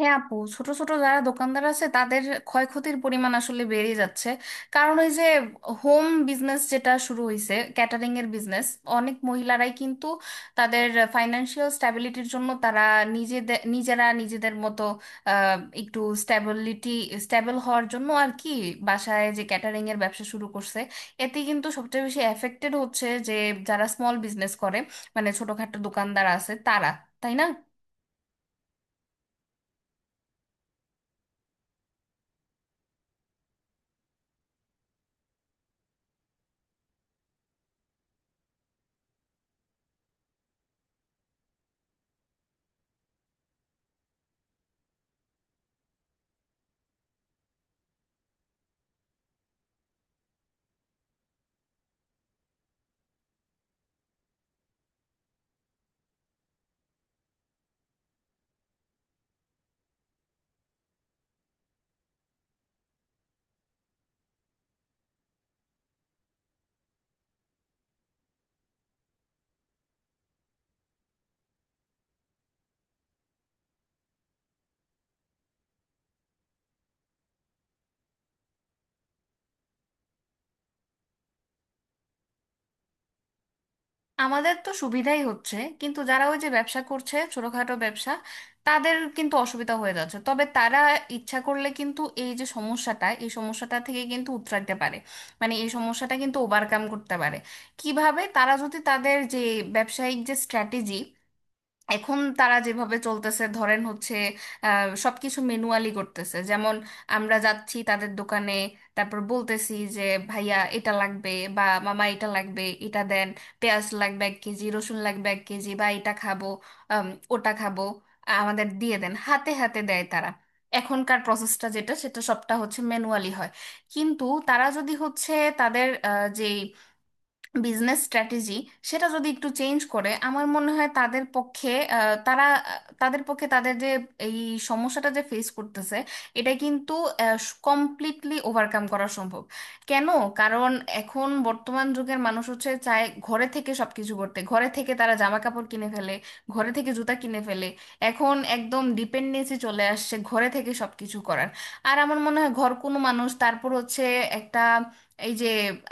হ্যাঁ আপু, ছোট ছোট যারা দোকানদার আছে তাদের ক্ষয়ক্ষতির পরিমাণ আসলে বেড়ে যাচ্ছে। কারণ ওই যে, হোম বিজনেস যেটা শুরু হয়েছে, ক্যাটারিং এর বিজনেস, অনেক মহিলারাই কিন্তু তাদের ফাইন্যান্সিয়াল স্ট্যাবিলিটির জন্য তারা নিজেরা নিজেদের মতো আহ, একটু স্ট্যাবল হওয়ার জন্য আর কি বাসায় যে ক্যাটারিং এর ব্যবসা শুরু করছে, এতে কিন্তু সবচেয়ে বেশি এফেক্টেড হচ্ছে যে যারা স্মল বিজনেস করে, মানে ছোটখাটো দোকানদার আছে তারা, তাই না? আমাদের তো সুবিধাই হচ্ছে, কিন্তু যারা ওই যে ব্যবসা করছে ছোটখাটো ব্যবসা, তাদের কিন্তু অসুবিধা হয়ে যাচ্ছে। তবে তারা ইচ্ছা করলে কিন্তু এই যে সমস্যাটা, এই সমস্যাটা থেকে কিন্তু উতরাইতে পারে। মানে এই সমস্যাটা কিন্তু ওভারকাম করতে পারে। কিভাবে? তারা যদি তাদের যে ব্যবসায়িক যে স্ট্র্যাটেজি, এখন তারা যেভাবে চলতেছে ধরেন হচ্ছে সবকিছু ম্যানুয়ালি করতেছে। যেমন আমরা যাচ্ছি তাদের দোকানে, তারপর বলতেছি যে ভাইয়া এটা লাগবে, বা মামা এটা লাগবে এটা দেন, পেঁয়াজ লাগবে 1 কেজি, রসুন লাগবে 1 কেজি, বা এটা খাবো আম, ওটা খাবো আমাদের দিয়ে দেন, হাতে হাতে দেয় তারা। এখনকার প্রসেসটা যেটা সেটা সবটা হচ্ছে ম্যানুয়ালি হয়। কিন্তু তারা যদি হচ্ছে তাদের যে বিজনেস স্ট্র্যাটেজি সেটা যদি একটু চেঞ্জ করে, আমার মনে হয় তাদের পক্ষে তাদের পক্ষে তাদের যে এই সমস্যাটা যে ফেস করতেছে এটা কিন্তু কমপ্লিটলি ওভারকাম করা সম্ভব। কেন? কারণ এখন বর্তমান যুগের মানুষ হচ্ছে চায় ঘরে থেকে সবকিছু করতে, ঘরে থেকে তারা জামা কাপড় কিনে ফেলে, ঘরে থেকে জুতা কিনে ফেলে। এখন একদম ডিপেন্ডেন্সি চলে আসছে ঘরে থেকে সবকিছু করার। আর আমার মনে হয় ঘর কোনো মানুষ তারপর হচ্ছে একটা এই যে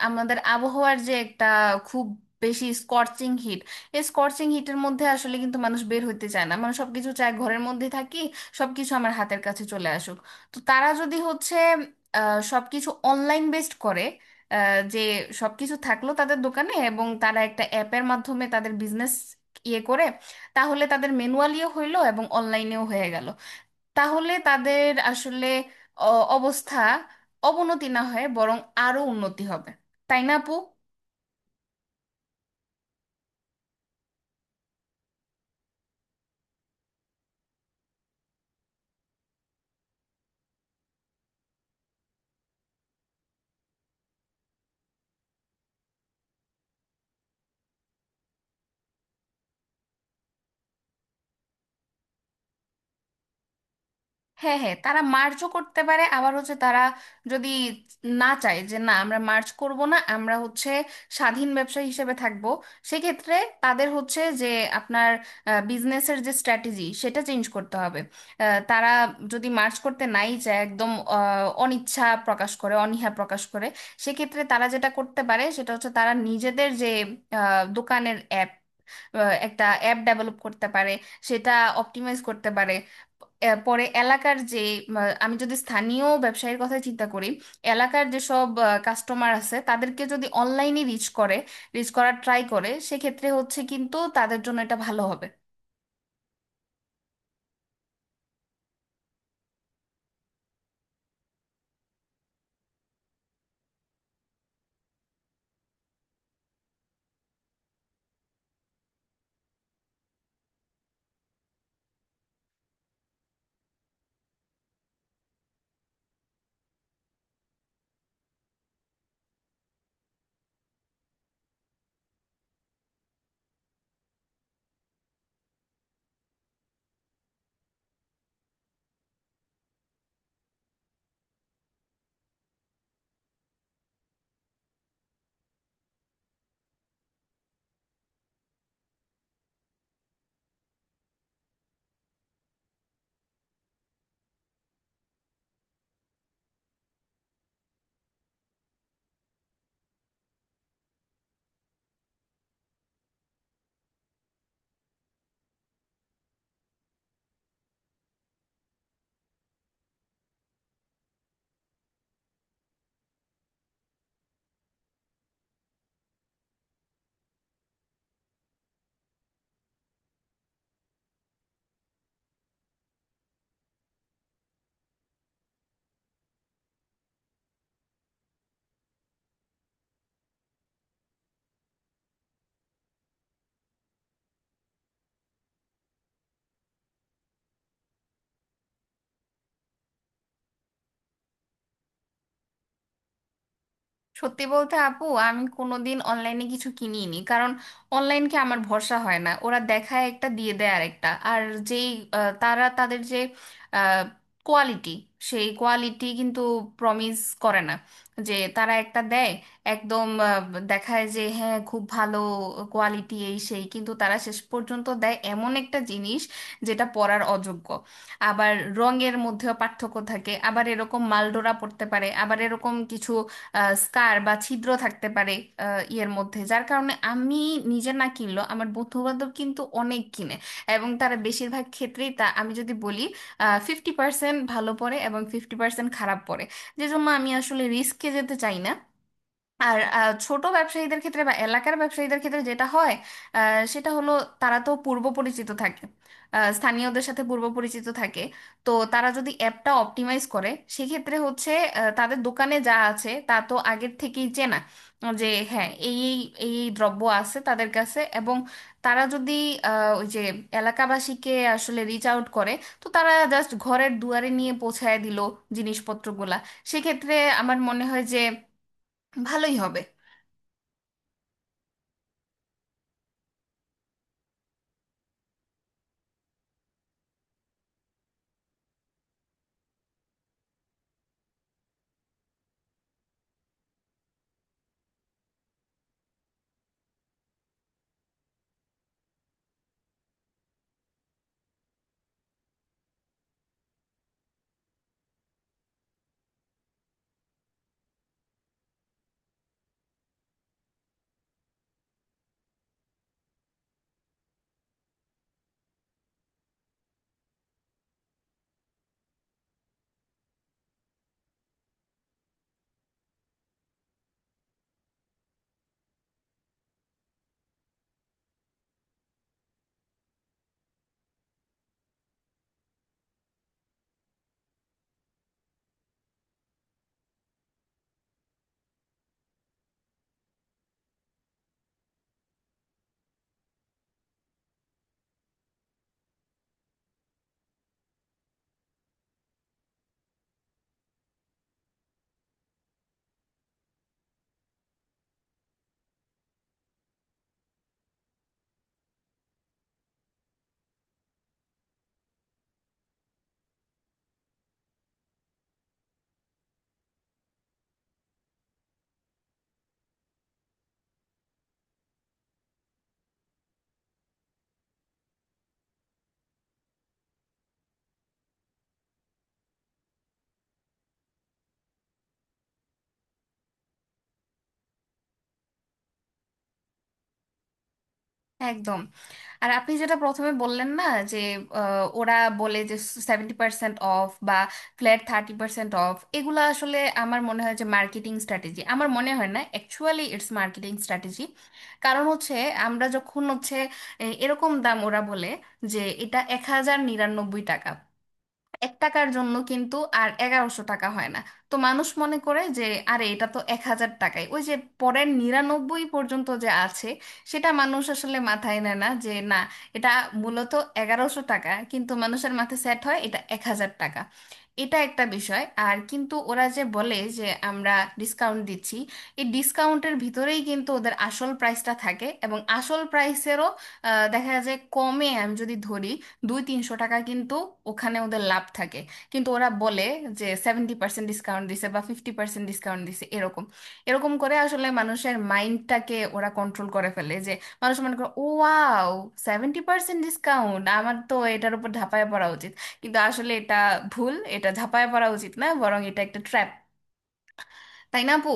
আমাদের আবহাওয়ার যে একটা খুব বেশি স্কর্চিং হিট, এই স্কর্চিং হিটের মধ্যে আসলে কিন্তু মানুষ বের হইতে চায় না। মানে সবকিছু চায় ঘরের মধ্যে থাকি, সবকিছু আমার হাতের কাছে চলে আসুক। তো তারা যদি হচ্ছে সবকিছু অনলাইন বেসড করে, যে সবকিছু থাকলো তাদের দোকানে এবং তারা একটা অ্যাপের মাধ্যমে তাদের বিজনেস ইয়ে করে, তাহলে তাদের ম্যানুয়ালিও হইলো এবং অনলাইনেও হয়ে গেল। তাহলে তাদের আসলে অবস্থা অবনতি না হয়ে বরং আরো উন্নতি হবে, তাই না আপু? হ্যাঁ হ্যাঁ, তারা মার্চও করতে পারে, আবার হচ্ছে তারা যদি না চায় যে না আমরা মার্চ করব না, আমরা হচ্ছে স্বাধীন ব্যবসায়ী হিসেবে থাকব, সেক্ষেত্রে তাদের হচ্ছে যে আপনার বিজনেসের যে স্ট্র্যাটেজি সেটা চেঞ্জ করতে হবে। তারা যদি মার্চ করতে নাই চায় একদম, অনিচ্ছা প্রকাশ করে, অনীহা প্রকাশ করে, সেক্ষেত্রে তারা যেটা করতে পারে সেটা হচ্ছে তারা নিজেদের যে আহ, দোকানের অ্যাপ আহ, একটা অ্যাপ ডেভেলপ করতে পারে, সেটা অপটিমাইজ করতে পারে। এর পরে এলাকার যে আমি যদি স্থানীয় ব্যবসায়ীর কথা চিন্তা করি, এলাকার যেসব কাস্টমার আছে তাদেরকে যদি অনলাইনে রিচ করে, রিচ করার ট্রাই করে, সেক্ষেত্রে হচ্ছে কিন্তু তাদের জন্য এটা ভালো হবে। সত্যি বলতে আপু, আমি কোনোদিন অনলাইনে কিছু কিনিনি। কারণ অনলাইনকে আমার ভরসা হয় না, ওরা দেখায় একটা দিয়ে দেয় আরেকটা। আর যেই তারা তাদের যে কোয়ালিটি, সেই কোয়ালিটি কিন্তু প্রমিস করে না। যে তারা একটা দেয় একদম, দেখায় যে হ্যাঁ খুব ভালো কোয়ালিটি এই সেই, কিন্তু তারা শেষ পর্যন্ত দেয় এমন একটা জিনিস যেটা পরার অযোগ্য। আবার রঙের মধ্যেও পার্থক্য থাকে, আবার এরকম মালডোরা পড়তে পারে, আবার এরকম কিছু স্কার বা ছিদ্র থাকতে পারে ইয়ের মধ্যে। যার কারণে আমি নিজে না কিনলেও আমার বন্ধু বান্ধব কিন্তু অনেক কিনে, এবং তারা বেশিরভাগ ক্ষেত্রেই তা আমি যদি বলি 50% ভালো পড়ে এবং 50% খারাপ পড়ে। যে জন্য আমি আসলে রিস্কে যেতে চাই না। আর ছোট ব্যবসায়ীদের ক্ষেত্রে বা এলাকার ব্যবসায়ীদের ক্ষেত্রে যেটা হয় আহ, সেটা হলো তারা তো পূর্ব পরিচিত থাকে, স্থানীয়দের সাথে পূর্ব পরিচিত থাকে। তো তারা যদি অ্যাপটা অপটিমাইজ করে সেক্ষেত্রে হচ্ছে তাদের দোকানে যা আছে তা তো আগের থেকেই চেনা, যে হ্যাঁ এই এই এই এই দ্রব্য আছে তাদের কাছে। এবং তারা যদি ওই যে এলাকাবাসীকে আসলে রিচ আউট করে, তো তারা জাস্ট ঘরের দুয়ারে নিয়ে পৌঁছায় দিল জিনিসপত্রগুলা, সেক্ষেত্রে আমার মনে হয় যে ভালোই হবে। একদম। আর আপনি যেটা প্রথমে বললেন না, যে ওরা বলে যে 70% অফ বা ফ্ল্যাট 30% অফ, এগুলো আসলে আমার মনে হয় যে মার্কেটিং স্ট্র্যাটেজি, আমার মনে হয় না অ্যাকচুয়ালি ইটস মার্কেটিং স্ট্র্যাটেজি। কারণ হচ্ছে আমরা যখন হচ্ছে এরকম দাম ওরা বলে, যে এটা 1099 টাকা, এক টাকার জন্য কিন্তু আর 1100 টাকা হয় না। তো মানুষ মনে করে যে আরে এটা তো 1000 টাকায়, ওই যে পরের 99 পর্যন্ত যে আছে সেটা মানুষ আসলে মাথায় নেয় না। যে না, এটা মূলত 1100 টাকা, কিন্তু মানুষের মাথায় সেট হয় এটা 1000 টাকা। এটা একটা বিষয়। আর কিন্তু ওরা যে বলে যে আমরা ডিসকাউন্ট দিচ্ছি, এই ডিসকাউন্টের ভিতরেই কিন্তু ওদের আসল প্রাইসটা থাকে, এবং আসল প্রাইসেরও দেখা যায় কমে, আমি যদি ধরি 2-300 টাকা কিন্তু ওখানে ওদের লাভ থাকে। কিন্তু ওরা বলে যে সেভেন্টি পার্সেন্ট ডিসকাউন্ট দিছে বা 50% ডিসকাউন্ট দিছে, এরকম এরকম করে আসলে মানুষের মাইন্ডটাকে ওরা কন্ট্রোল করে ফেলে। যে মানুষ মনে করে ও ওয়াও, 70% ডিসকাউন্ট, আমার তো এটার উপর ঝাঁপায় পড়া উচিত। কিন্তু আসলে এটা ভুল, এটা ঝাঁপায় পড়া উচিত না, বরং এটা একটা ট্র্যাপ, তাই না আপু?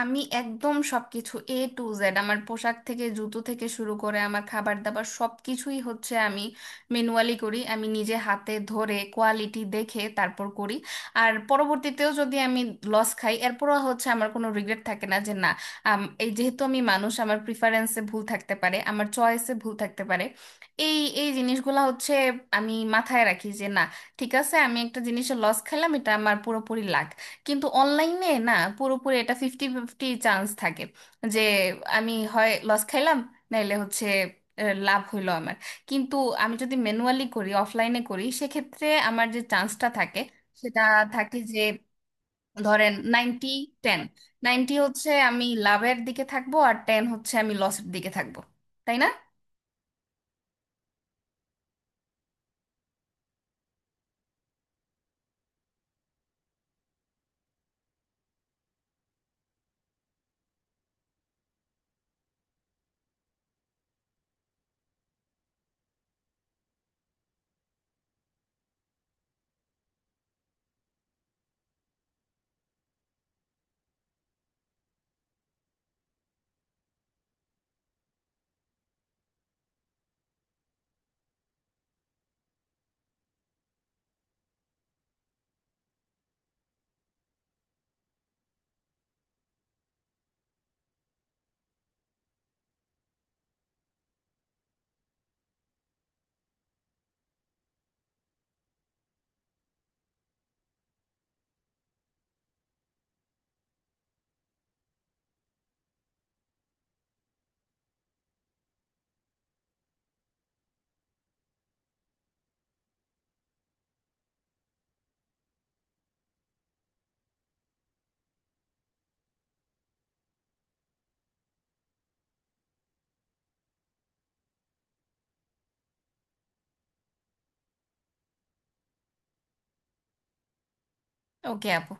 আমি একদম সবকিছু A to Z, আমার পোশাক থেকে জুতো থেকে শুরু করে আমার খাবার দাবার সবকিছুই হচ্ছে আমি ম্যানুয়ালি করি, আমি নিজে হাতে ধরে কোয়ালিটি দেখে তারপর করি। আর পরবর্তীতেও যদি আমি লস খাই, এরপরও হচ্ছে আমার কোনো রিগ্রেট থাকে না। যে না এই যেহেতু আমি মানুষ, আমার প্রিফারেন্সে ভুল থাকতে পারে, আমার চয়েসে ভুল থাকতে পারে, এই এই জিনিসগুলো হচ্ছে আমি মাথায় রাখি। যে না, ঠিক আছে, আমি একটা জিনিসে লস খেলাম, এটা আমার পুরোপুরি লাগ। কিন্তু অনলাইনে না পুরোপুরি, এটা 50-50 চান্স থাকে, যে আমি হয় লস খাইলাম, নাইলে হচ্ছে লাভ হইলো আমার। কিন্তু আমি যদি ম্যানুয়ালি করি, অফলাইনে করি, সেক্ষেত্রে আমার যে চান্সটা থাকে সেটা থাকে যে ধরেন 90-10, 90 হচ্ছে আমি লাভের দিকে থাকবো, আর 10 হচ্ছে আমি লসের দিকে থাকবো, তাই না? ওকে আপু।